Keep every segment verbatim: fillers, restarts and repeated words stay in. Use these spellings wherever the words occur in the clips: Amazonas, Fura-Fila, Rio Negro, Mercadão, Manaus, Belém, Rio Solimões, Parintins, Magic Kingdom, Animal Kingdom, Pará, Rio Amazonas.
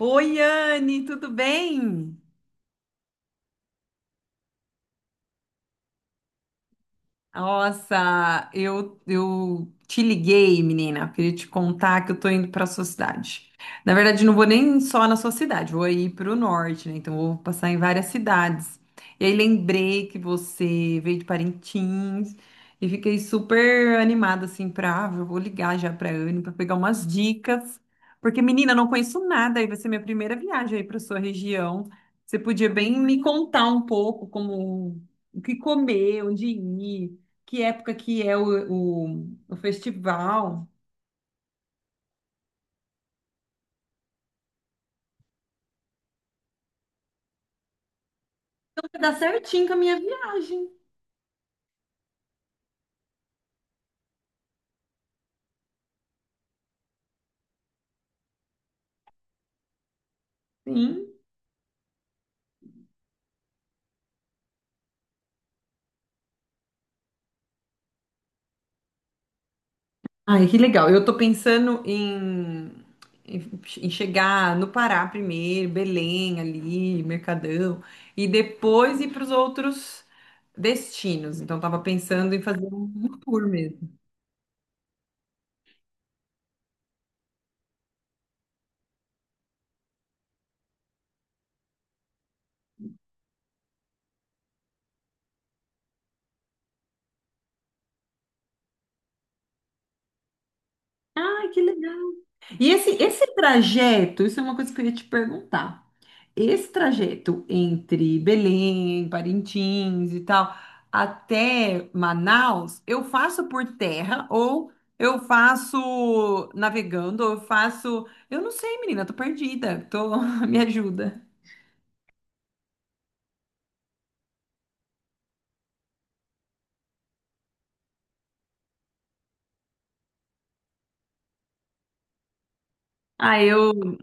Oi, Anne, tudo bem? Nossa, eu, eu te liguei, menina. Queria te contar que eu tô indo pra sua cidade. Na verdade, não vou nem só na sua cidade, vou aí pro norte, né? Então, vou passar em várias cidades. E aí, lembrei que você veio de Parintins e fiquei super animada, assim, pra. ah, eu vou ligar já pra Anne pra pegar umas dicas. Porque, menina, eu não conheço nada, aí vai ser minha primeira viagem aí pra sua região. Você podia bem me contar um pouco como. O que comer, onde ir, que época que é o, o, o festival. Vai dar certinho com a minha viagem. Sim. Ai, que legal. Eu tô pensando em, em, em chegar no Pará primeiro, Belém ali, Mercadão, e depois ir para os outros destinos. Então, tava pensando em fazer um tour mesmo. Ai, que legal! E esse, esse trajeto, isso é uma coisa que eu ia te perguntar. Esse trajeto entre Belém, Parintins e tal, até Manaus, eu faço por terra ou eu faço navegando, ou eu faço. Eu não sei, menina, tô perdida. Tô... Me ajuda. Ah, eu.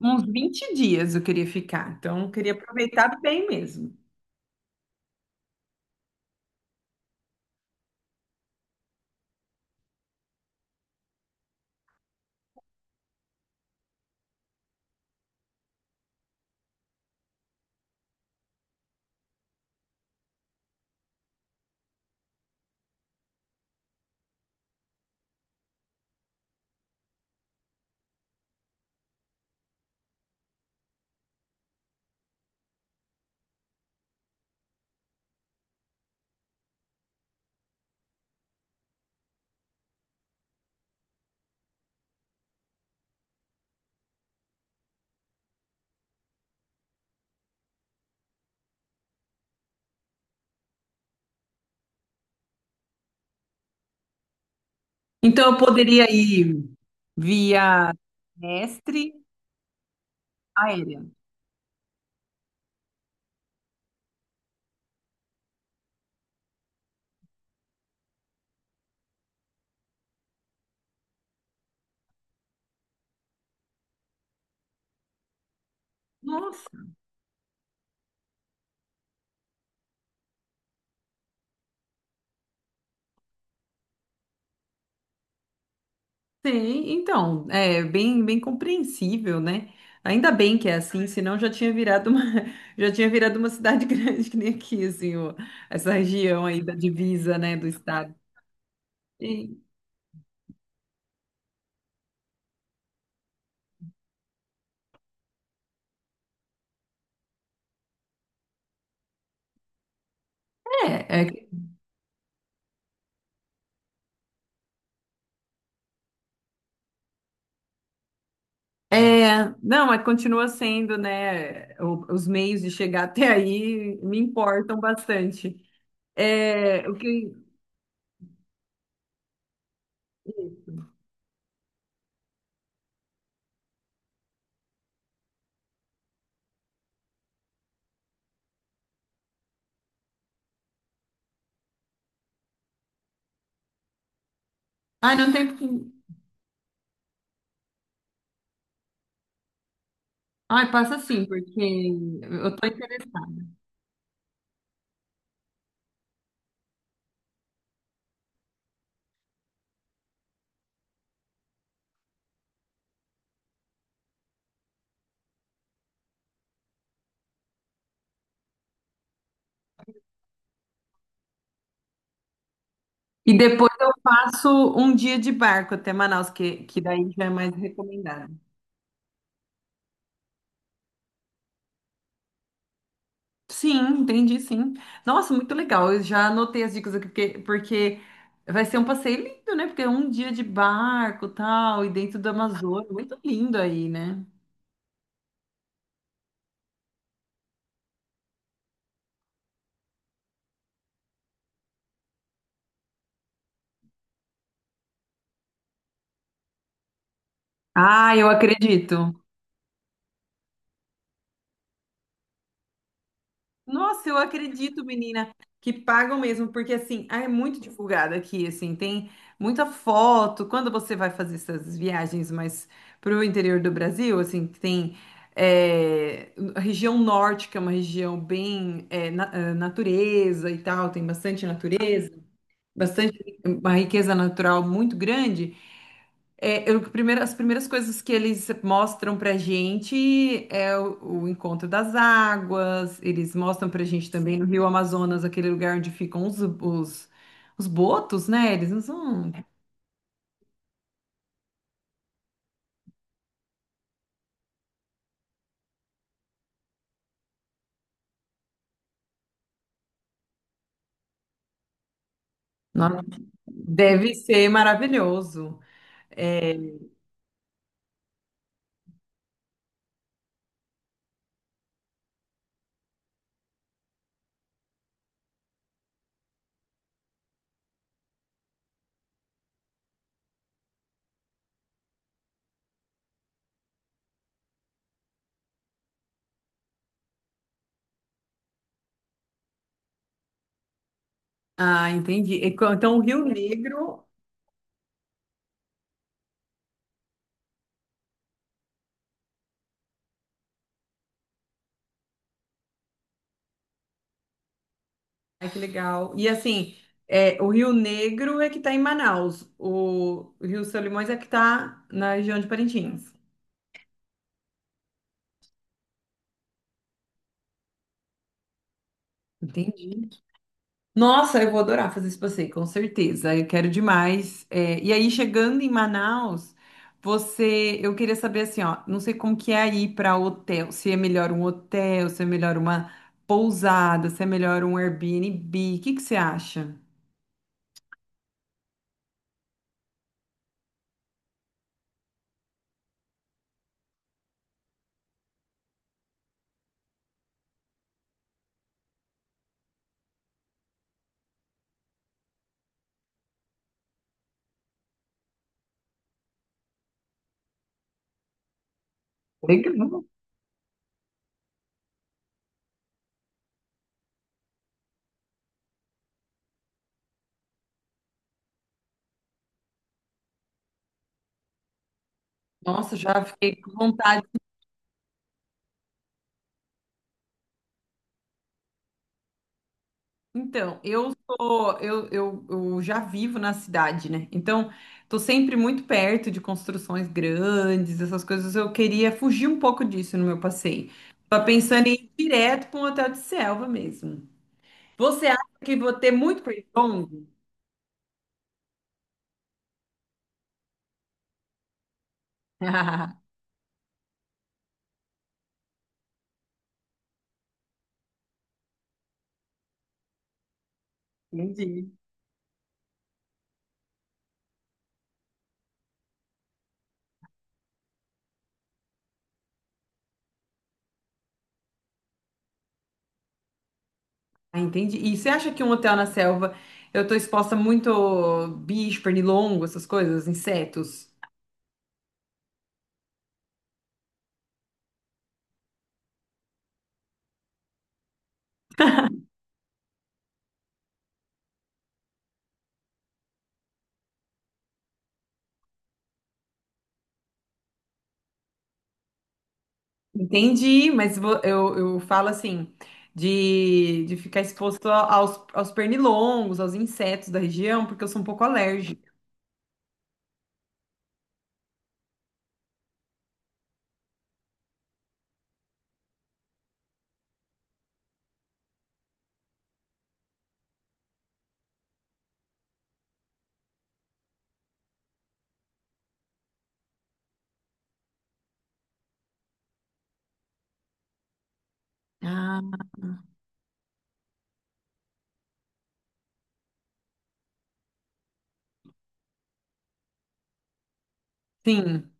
Uns vinte dias eu queria ficar, então eu queria aproveitar bem mesmo. Então eu poderia ir via mestre aérea. Nossa! Sim, então, é bem, bem compreensível, né? Ainda bem que é assim, senão já tinha virado uma, já tinha virado uma cidade grande que nem aqui, assim, o- essa região aí da divisa, né, do estado. E- é, é, é, não, mas continua sendo, né, o- os meios de chegar até aí me importam bastante. É, o que, ai, não tem que, ai, passa assim, porque eu tô interessada. E depois eu faço um dia de barco até Manaus, que, que daí já é mais recomendado. Sim, entendi, sim. Nossa, muito legal. Eu já anotei as dicas aqui, porque, porque vai ser um passeio lindo, né? Porque é um dia de barco, tal, e dentro do Amazonas, muito lindo aí, né? Ah, eu acredito. Nossa, eu acredito, menina, que pagam mesmo, porque assim, ah, é muito divulgado aqui, assim, tem muita foto. Quando você vai fazer essas viagens mais para o interior do Brasil, assim, que tem é, a região norte, que é uma região bem é, na- eh, natureza e tal, tem bastante natureza, bastante uma riqueza natural muito grande. É, eu- primeiro- as primeiras coisas que eles mostram pra gente é o, o encontro das águas, eles mostram pra gente também no Rio Amazonas, aquele lugar onde ficam os, os, os botos, né? Eles não são. Nossa, deve ser maravilhoso. É, ah, entendi. E co- então, o Rio Negro. Ai, que legal. E assim, é, o Rio Negro é que está em Manaus, o Rio Solimões é que está na região de Parintins. Entendi. Nossa, eu vou adorar fazer esse passeio, com certeza. Eu quero demais. É, e aí, chegando em Manaus, você, eu queria saber assim, ó, não sei como que é aí para hotel, se é melhor um hotel, se é melhor uma pousada, se é melhor um Airbnb, o que que você acha? Legal. Nossa, já fiquei com vontade. Então, eu sou, eu, eu, eu já vivo na cidade, né? Então, tô sempre muito perto de construções grandes, essas coisas. Eu queria fugir um pouco disso no meu passeio. Tava pensando em ir direto para um hotel de selva mesmo. Você acha que vou ter muito pernilongo? Entendi. Ah, entendi. E você acha que um hotel na selva eu tô exposta muito bicho, pernilongo, essas coisas, insetos? Entendi, mas vo- eu, eu falo assim, de, de ficar exposto a- aos, aos pernilongos, aos insetos da região, porque eu sou um pouco alérgica. Ah, sim.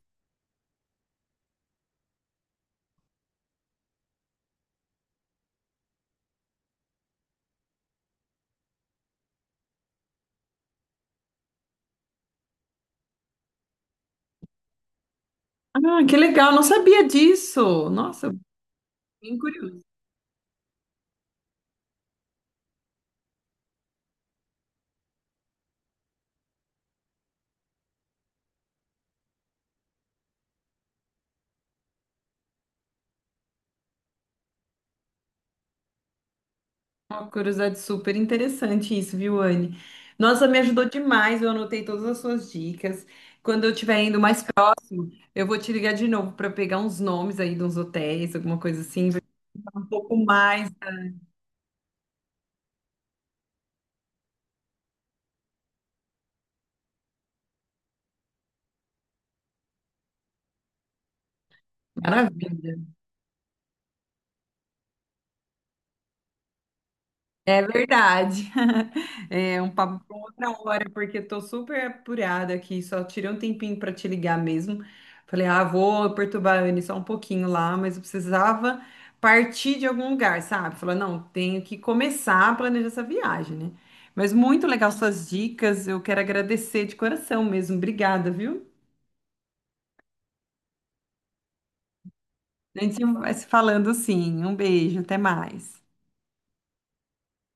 Ah, que legal, não sabia disso. Nossa, bem curioso. Uma curiosidade super interessante isso, viu, Anne? Nossa, me ajudou demais, eu anotei todas as suas dicas. Quando eu estiver indo mais próximo, eu vou te ligar de novo para pegar uns nomes aí de uns hotéis, alguma coisa assim, vai falar um pouco mais. Maravilha. É verdade. É um papo para outra hora, porque eu tô super apurada aqui, só tirei um tempinho para te ligar mesmo. Falei, ah, vou perturbar a Anne só um pouquinho lá, mas eu precisava partir de algum lugar, sabe? Falei, não, tenho que começar a planejar essa viagem, né? Mas muito legal suas dicas, eu quero agradecer de coração mesmo. Obrigada, viu? A gente vai se falando sim. Um beijo, até mais.